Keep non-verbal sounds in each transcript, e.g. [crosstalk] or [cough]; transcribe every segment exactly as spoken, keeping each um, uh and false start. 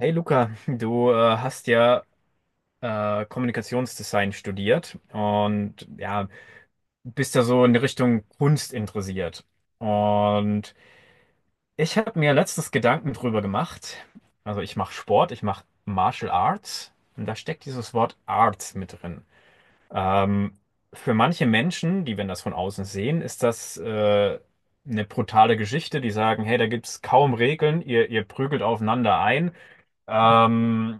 Hey Luca, du äh, hast ja äh, Kommunikationsdesign studiert und ja, bist da so in die Richtung Kunst interessiert. Und ich habe mir letztens Gedanken drüber gemacht. Also ich mache Sport, ich mache Martial Arts und da steckt dieses Wort Arts mit drin. Ähm, für manche Menschen, die, wenn das von außen sehen, ist das äh, eine brutale Geschichte. Die sagen, hey, da gibt es kaum Regeln, ihr, ihr prügelt aufeinander ein. Mhm. Ähm,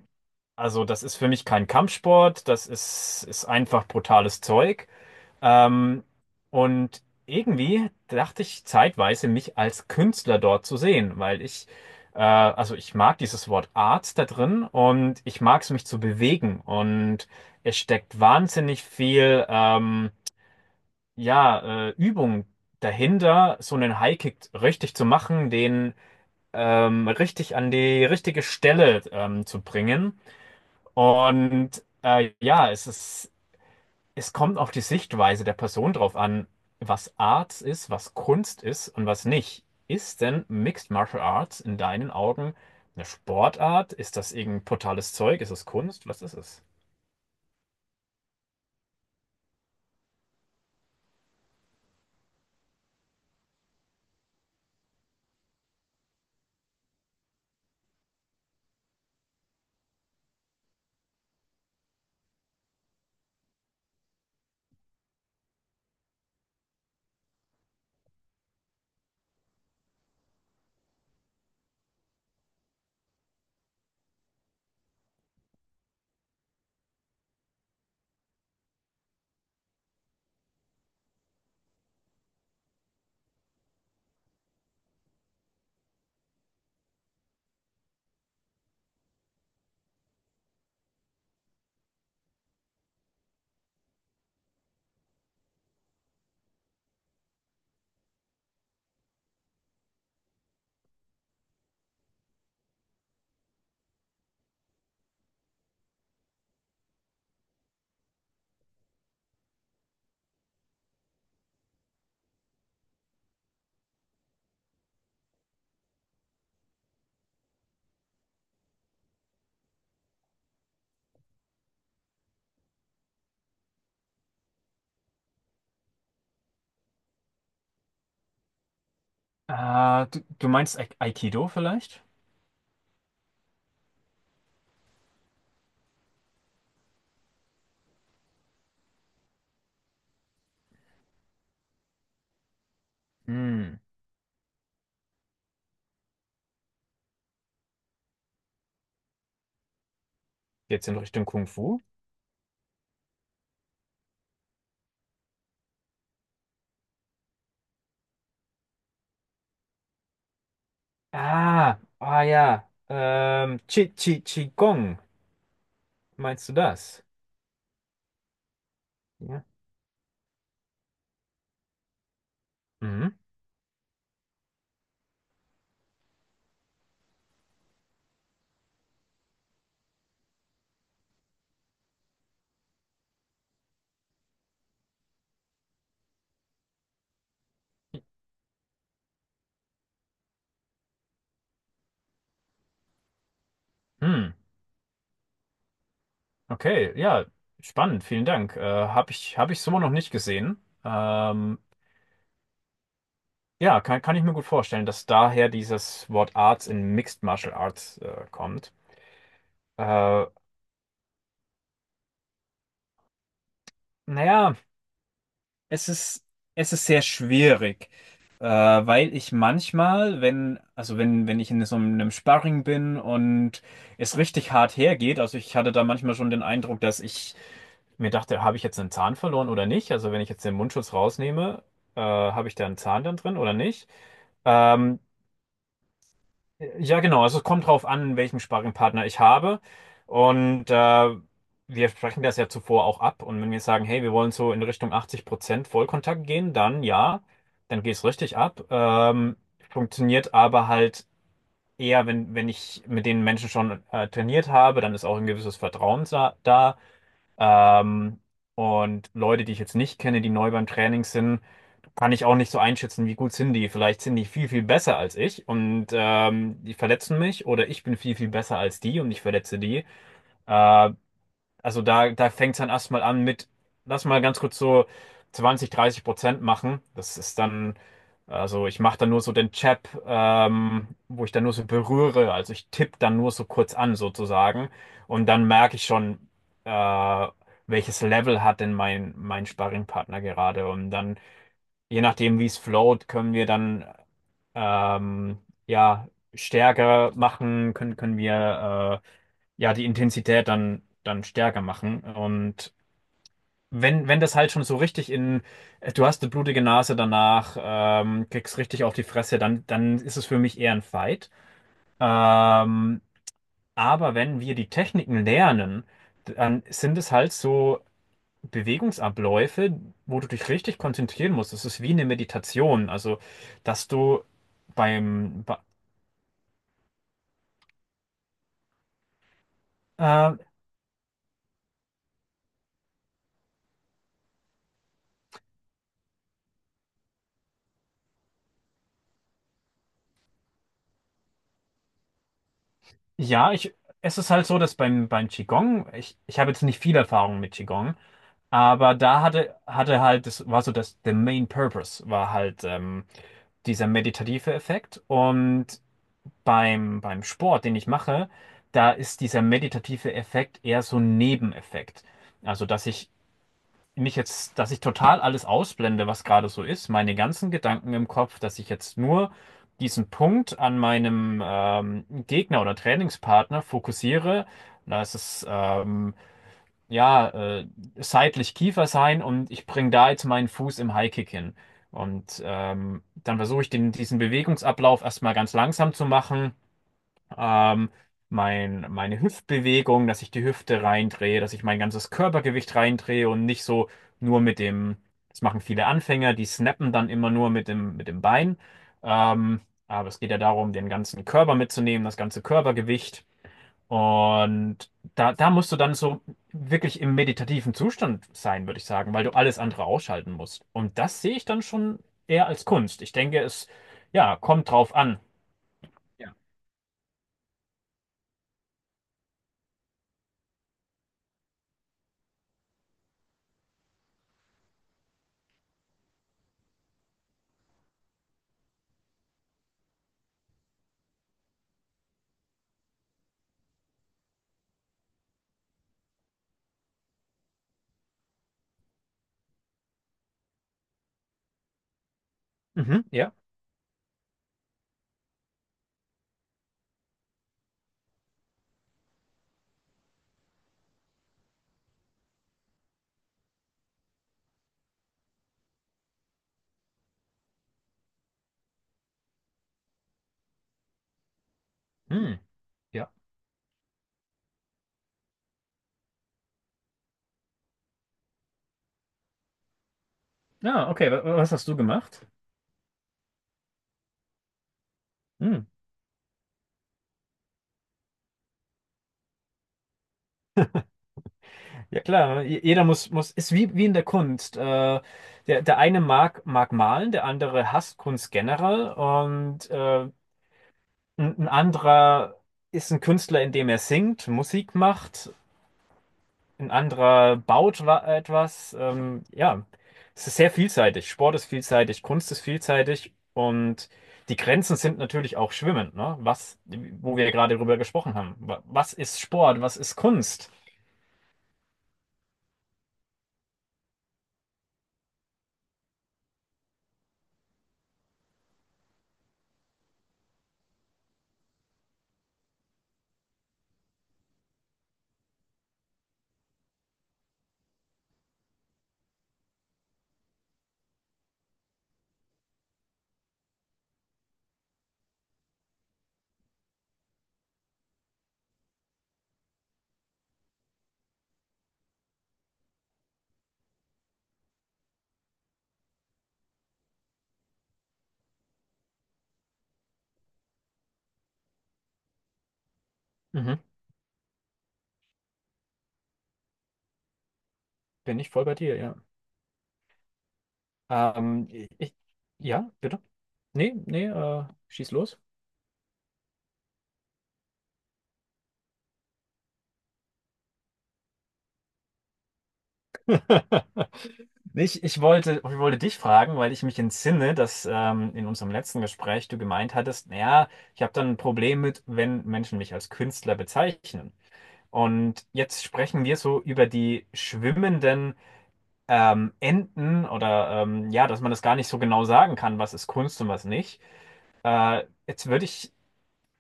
also, das ist für mich kein Kampfsport, das ist, ist einfach brutales Zeug. Ähm, und irgendwie dachte ich zeitweise, mich als Künstler dort zu sehen, weil ich, äh, also ich mag dieses Wort Art da drin und ich mag es, mich zu bewegen. Und es steckt wahnsinnig viel, ähm, ja, äh, Übung dahinter, so einen Highkick richtig zu machen, den ähm, richtig an die richtige Stelle ähm, zu bringen. Und äh, ja, es ist, es kommt auf die Sichtweise der Person drauf an, was Art ist, was Kunst ist und was nicht. Ist denn Mixed Martial Arts in deinen Augen eine Sportart? Ist das irgendein brutales Zeug? Ist es Kunst? Was ist es? Äh, du, du meinst Ai- Aikido vielleicht? Hm. Geht's in Richtung Kung Fu? Ah, ah ja. Ähm, Chi Chi Qigong. Meinst du das? Ja. Mhm. Hm. Okay, ja, spannend, vielen Dank. Äh, habe ich, hab ich so noch nicht gesehen. Ähm, ja, kann, kann ich mir gut vorstellen, dass daher dieses Wort Arts in Mixed Martial Arts äh, kommt. Äh, naja, es ist, es ist sehr schwierig, äh, weil ich manchmal, wenn, also wenn, wenn ich in so einem Sparring bin und es richtig hart hergeht, also ich hatte da manchmal schon den Eindruck, dass ich mir dachte, habe ich jetzt einen Zahn verloren oder nicht? Also wenn ich jetzt den Mundschutz rausnehme, äh, habe ich da einen Zahn dann drin oder nicht? Ähm, ja, genau. Also es kommt drauf an, welchen Sparringpartner ich habe. Und äh, wir sprechen das ja zuvor auch ab. Und wenn wir sagen, hey, wir wollen so in Richtung achtzig Prozent Vollkontakt gehen, dann ja, dann geht's richtig ab. Ähm, funktioniert aber halt eher, wenn, wenn ich mit den Menschen schon äh, trainiert habe, dann ist auch ein gewisses Vertrauen da. da. Ähm, und Leute, die ich jetzt nicht kenne, die neu beim Training sind, kann ich auch nicht so einschätzen, wie gut sind die. Vielleicht sind die viel, viel besser als ich und ähm, die verletzen mich oder ich bin viel, viel besser als die und ich verletze die. Ähm, also da, da fängt es dann erstmal an mit, lass mal ganz kurz so zwanzig, dreißig Prozent machen. Das ist dann, also ich mache dann nur so den Chap, ähm, wo ich dann nur so berühre. Also ich tippe dann nur so kurz an sozusagen. Und dann merke ich schon, äh, welches Level hat denn mein, mein Sparringpartner gerade. Und dann je nachdem, wie es float, können wir dann ähm, ja stärker machen, können, können wir äh, ja die Intensität dann, dann stärker machen. Und wenn, wenn das halt schon so richtig in, du hast eine blutige Nase danach, ähm, kriegst richtig auf die Fresse, dann, dann ist es für mich eher ein Fight. Ähm, aber wenn wir die Techniken lernen, dann sind es halt so Bewegungsabläufe, wo du dich richtig konzentrieren musst. Das ist wie eine Meditation. Also, dass du beim, ba- äh, ja, ich, es ist halt so, dass beim, beim Qigong, ich, ich habe jetzt nicht viel Erfahrung mit Qigong, aber da hatte, hatte halt, das war so dass the main purpose war halt ähm, dieser meditative Effekt. Und beim, beim Sport, den ich mache, da ist dieser meditative Effekt eher so ein Nebeneffekt. Also, dass ich mich jetzt, dass ich total alles ausblende, was gerade so ist, meine ganzen Gedanken im Kopf, dass ich jetzt nur diesen Punkt an meinem ähm, Gegner oder Trainingspartner fokussiere. Da ist es ähm, ja äh, seitlich Kiefer sein und ich bringe da jetzt meinen Fuß im Highkick hin. Und ähm, dann versuche ich den, diesen Bewegungsablauf erstmal ganz langsam zu machen, ähm, mein, meine Hüftbewegung, dass ich die Hüfte reindrehe, dass ich mein ganzes Körpergewicht reindrehe und nicht so nur mit dem, das machen viele Anfänger, die snappen dann immer nur mit dem, mit dem Bein. Ähm, aber es geht ja darum, den ganzen Körper mitzunehmen, das ganze Körpergewicht. Und da, da musst du dann so wirklich im meditativen Zustand sein, würde ich sagen, weil du alles andere ausschalten musst. Und das sehe ich dann schon eher als Kunst. Ich denke, es, ja, kommt drauf an. Ja. Mhm, ja. Hm, ja. Ja, okay. wa- Was hast du gemacht? Hm. Ja klar, ne? je- jeder muss, muss, ist wie, wie in der Kunst. Äh, der, der eine mag, mag malen, der andere hasst Kunst generell und äh, ein, ein anderer ist ein Künstler, indem er singt, Musik macht, ein anderer baut wa- etwas. Ähm, ja, es ist sehr vielseitig. Sport ist vielseitig, Kunst ist vielseitig und die Grenzen sind natürlich auch schwimmend, ne? Was, wo wir gerade drüber gesprochen haben. Wa- Was ist Sport? Was ist Kunst? Mhm. Bin ich voll bei dir, ja. Ähm, ich, ja, bitte? Nee, nee, äh, schieß los. [laughs] Ich, ich wollte, ich wollte dich fragen, weil ich mich entsinne, dass ähm, in unserem letzten Gespräch du gemeint hattest, naja, ich habe dann ein Problem mit, wenn Menschen mich als Künstler bezeichnen. Und jetzt sprechen wir so über die schwimmenden ähm, Enden oder ähm, ja, dass man das gar nicht so genau sagen kann, was ist Kunst und was nicht. Äh, jetzt würde ich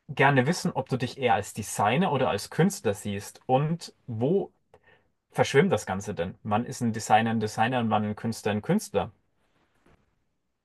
gerne wissen, ob du dich eher als Designer oder als Künstler siehst und wo verschwimmt das Ganze denn? Wann ist ein Designer ein Designer und wann ein Künstler ein Künstler?